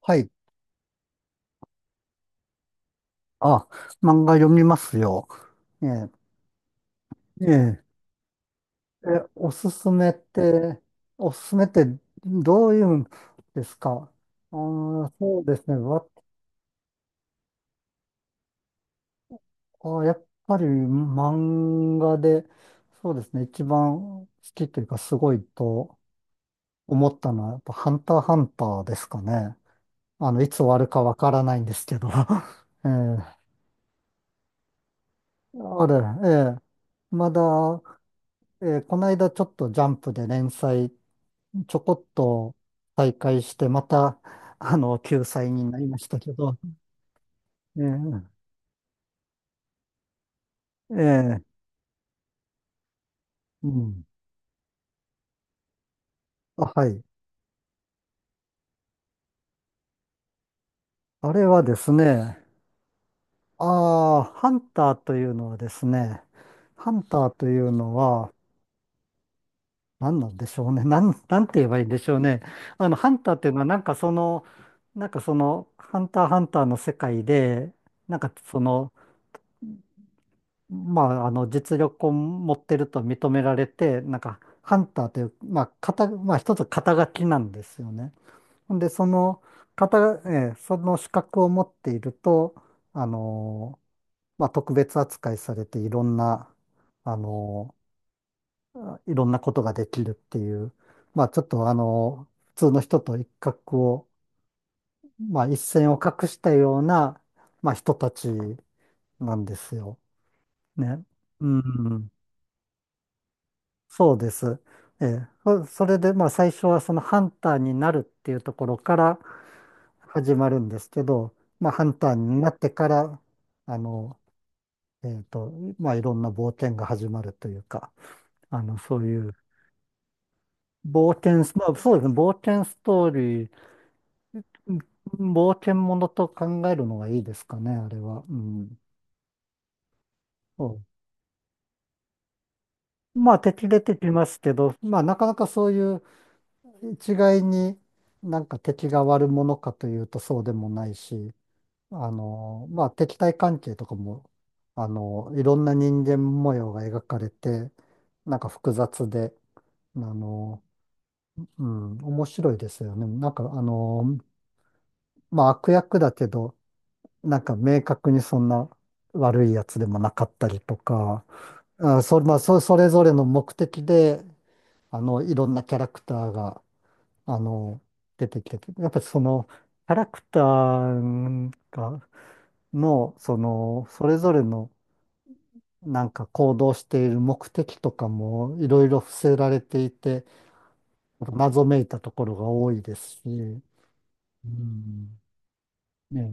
はい。あ、漫画読みますよ。ええ、ええ、え、おすすめって、おすすめってどういうんですか？そうですね。あ、やっぱり漫画で、そうですね。一番好きというか、すごいと思ったのは、やっぱハンターハンターですかね。いつ終わるかわからないんですけど。ええ、あれ、ええ、まだ、この間ちょっとジャンプで連載ちょこっと再開して、また、救済になりましたけど、ええ、ええ、うん。あ、はい。あれはですね、ああ、ハンターというのは、何なんでしょうね。なんて言えばいいんでしょうね。ハンターっていうのは、なんかその、ハンターハンターの世界で、なんかその、まあ、実力を持ってると認められて、なんか、ハンターという、まあ、まあ、一つ肩書きなんですよね。ほんで、その、肩、えーその資格を持っていると、あのーまあ、特別扱いされて、あのいろんなことができるっていう、まあ、ちょっと、普通の人と一角を、まあ、一線を画したような、まあ、人たちなんですよ。ね。うん。そうです。ええ、それで、まあ、最初はそのハンターになるっていうところから始まるんですけど、まあ、ハンターになってから、あの、えっと、まあ、いろんな冒険が始まるというか、そういう冒険ス、まあ、そうですね、冒険ストーリー、うん、冒険ものと考えるのがいいですかね、あれは。うん。そう、まあ、敵出てきますけど、まあ、なかなかそういう、一概になんか敵が悪者かというとそうでもないし、まあ敵対関係とかも、いろんな人間模様が描かれて、なんか複雑で、あの、うん、面白いですよね。なんかまあ悪役だけど、なんか明確にそんな悪いやつでもなかったりとか、あ、まあ、それぞれの目的で、いろんなキャラクターがあの、出てきてて、やっぱりその、キャラクターが、の、その、それぞれの、なんか行動している目的とかも、いろいろ伏せられていて、謎めいたところが多いですし、うん。ね、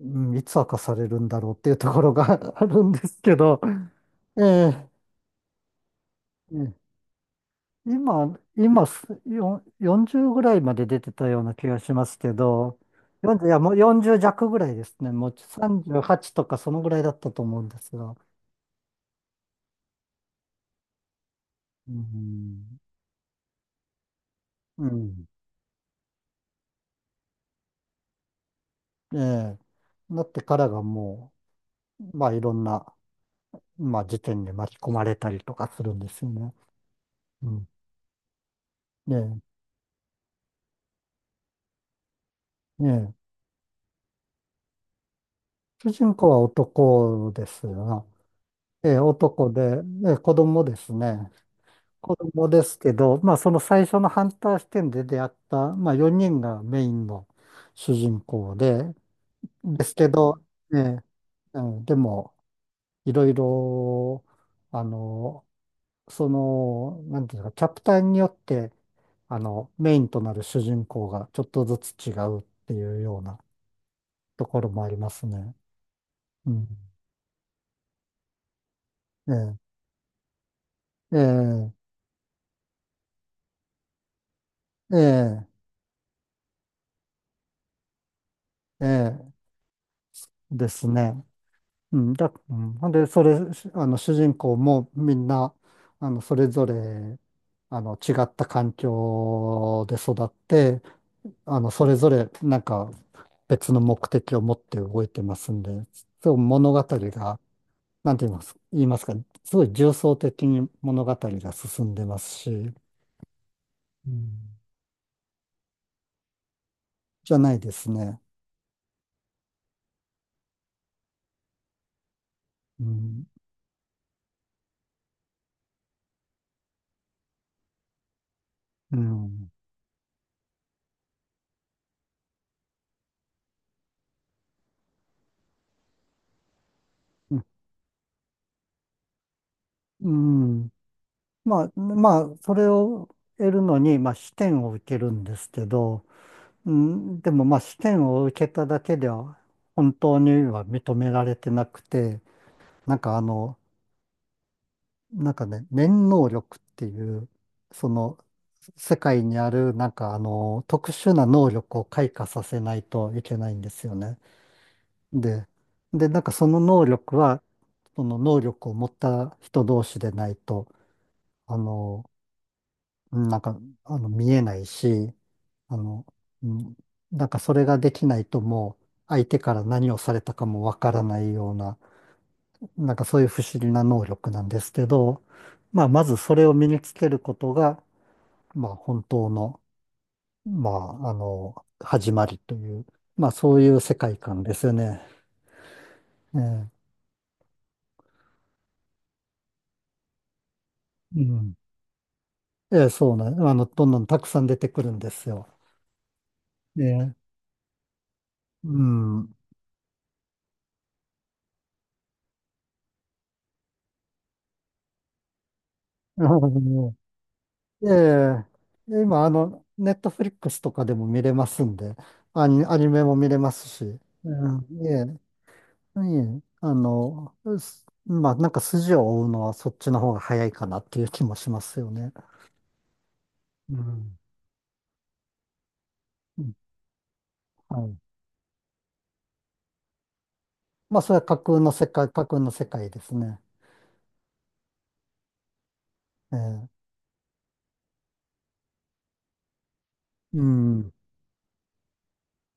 うん、いつ明かされるんだろうっていうところが あるんですけど、ええ、今40ぐらいまで出てたような気がしますけど、40、いや、もう40弱ぐらいですね。もう38とかそのぐらいだったと思うんですが。うん。うん。ええ。なってからがもう、まあいろんな、まあ事件に巻き込まれたりとかするんですよね。うん。ねえ。ねえ。主人公は男ですよ。ええ、男で、ええ、子供ですね。子供ですけど、まあその最初のハンター視点で出会った、まあ4人がメインの主人公で、ですけど、ね、うん、でも、いろいろ、あの、その、なんていうか、キャプターによって、メインとなる主人公がちょっとずつ違うっていうようなところもありますね。うん。ええ、ええ、ええ、ええですね。うん、うん、ほんで、それ、し主人公もみんな、それぞれ、違った環境で育って、それぞれ、なんか、別の目的を持って動いてますんで、そう、物語が、なんて言いますか、すごい重層的に物語が進んでますし、うん、じゃないですね。うん。うん。うん。うん、まあ、それを得るのに、まあ、視点を受けるんですけど、うん、でもまあ試験を受けただけでは本当には認められてなくて、なんかなんかね、念能力っていう、その世界にあるなんか特殊な能力を開花させないといけないんですよね。で、で、なんかその能力は、その能力を持った人同士でないと、あの、なんか、見えないし、あの、うん、なんかそれができないともう相手から何をされたかもわからないような、なんかそういう不思議な能力なんですけど、まあ、まずそれを身につけることが、まあ、本当の、まあ、始まりという、まあ、そういう世界観ですよね。ええ、うん。ええ、そうなん、あの、どんどんたくさん出てくるんですよ。ええ、うん。ええ、今、ネットフリックスとかでも見れますんで、アニメも見れますし、うん、ええ、ええ、まあ、なんか筋を追うのはそっちの方が早いかなっていう気もしますよね。うん。うん、はい。まあ、それは架空の世界、架空の世界ですね。ええ、うん。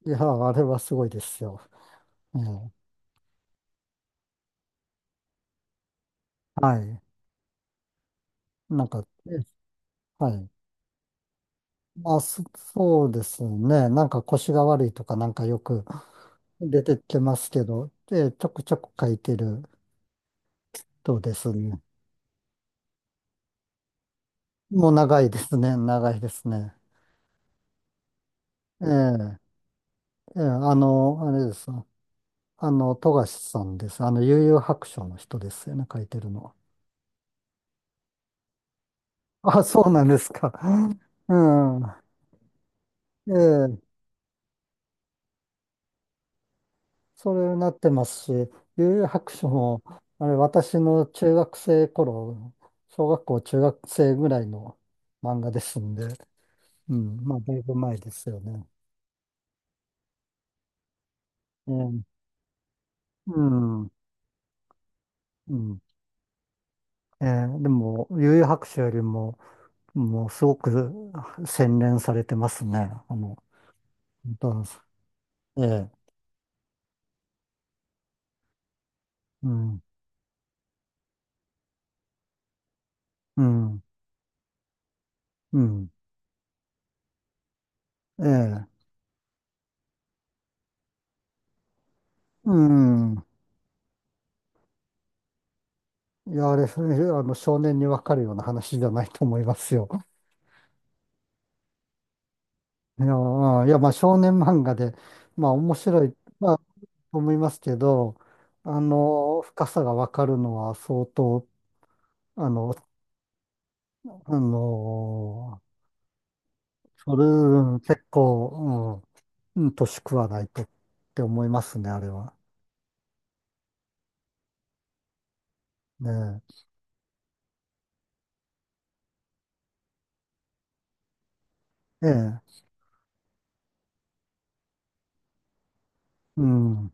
いや、あれはすごいですよ。ええ、はい。なんか、ええ、はい、なんか、え、はい、まあ、そうですね。なんか腰が悪いとかなんかよく出てきますけど、で、ちょくちょく書いてるとですね。もう長いですね。長いですね。ええ、ええ、あれです。富樫さんです。悠々白書の人ですよね、書いてるのは。あ、そうなんですか。うん。ええ、それになってますし、悠々白書も、あれ、私の中学生頃、小学校中学生ぐらいの漫画ですんで、うん、まあ、だいぶ前ですよね。ええ、うん。うん。でも、悠々白書よりも、もうすごく洗練されてますね。ダンス。ええ、うん、うん、うん、ええ、うん。いや、あれ、少年にわかるような話じゃないと思いますよ。いや、まあ、少年漫画で、まあ、面白い、まあ、と思いますけど、深さがわかるのは相当、あの、あの、それ、結構、うんうん、年食わないとって思いますね、あれは。ねえ、ええ、うん、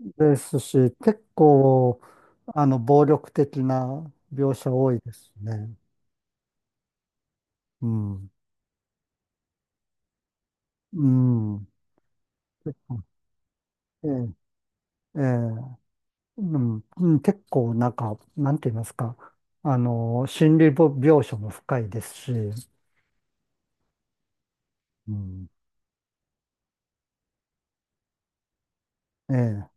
ですし、結構、暴力的な描写多いですね。うん。うん。結構、ええ、ええ、うん、うん、結構なんか、なんて言いますか。心理ぼ描写も深いですし、うん。ええ、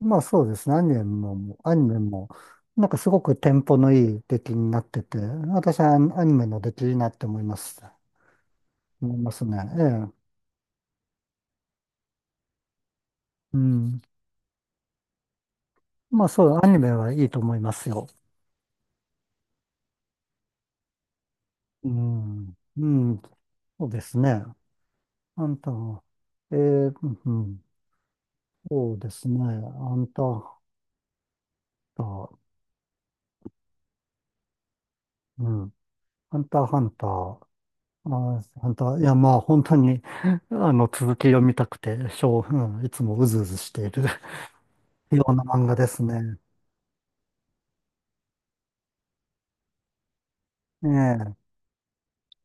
まあそうですね。アニメも、アニメも、なんかすごくテンポのいい出来になってて、私はアニメの出来いいなって思います。思いますね。ええ。うん。まあそう、アニメはいいと思いますよ。うん。うん。そうですね。あんたは、ええ、うん。そうですね。あんた、あうん。ハンターハンター。ハンター、いや、まあ、本当に、続き読みたくて、しょう、うん、いつもうずうずしている。ような漫画ですね。ええ。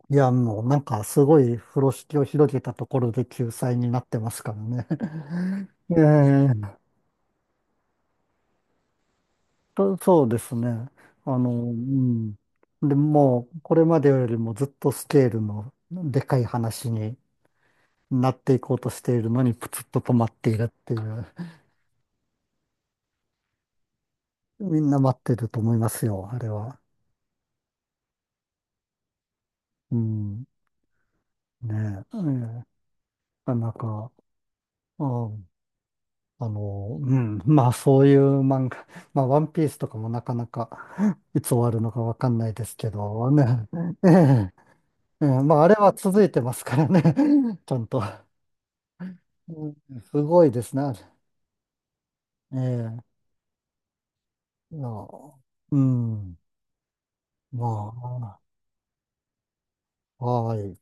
いや、もうなんかすごい風呂敷を広げたところで救済になってますからね。ええ。そうですね。うん。で、もうこれまでよりもずっとスケールのでかい話になっていこうとしているのにプツッと止まっているっていう。みんな待ってると思いますよ、あれは。うん。ねえ。ええ。なかなか。うん、うん、まあそういう漫画、まあワンピースとかもなかなか いつ終わるのかわかんないですけどね、ええ、ええ、まああれは続いてますからね、ちゃんと。うん、すごいですね。あれ、ええ、いや、うん、まあ、はい。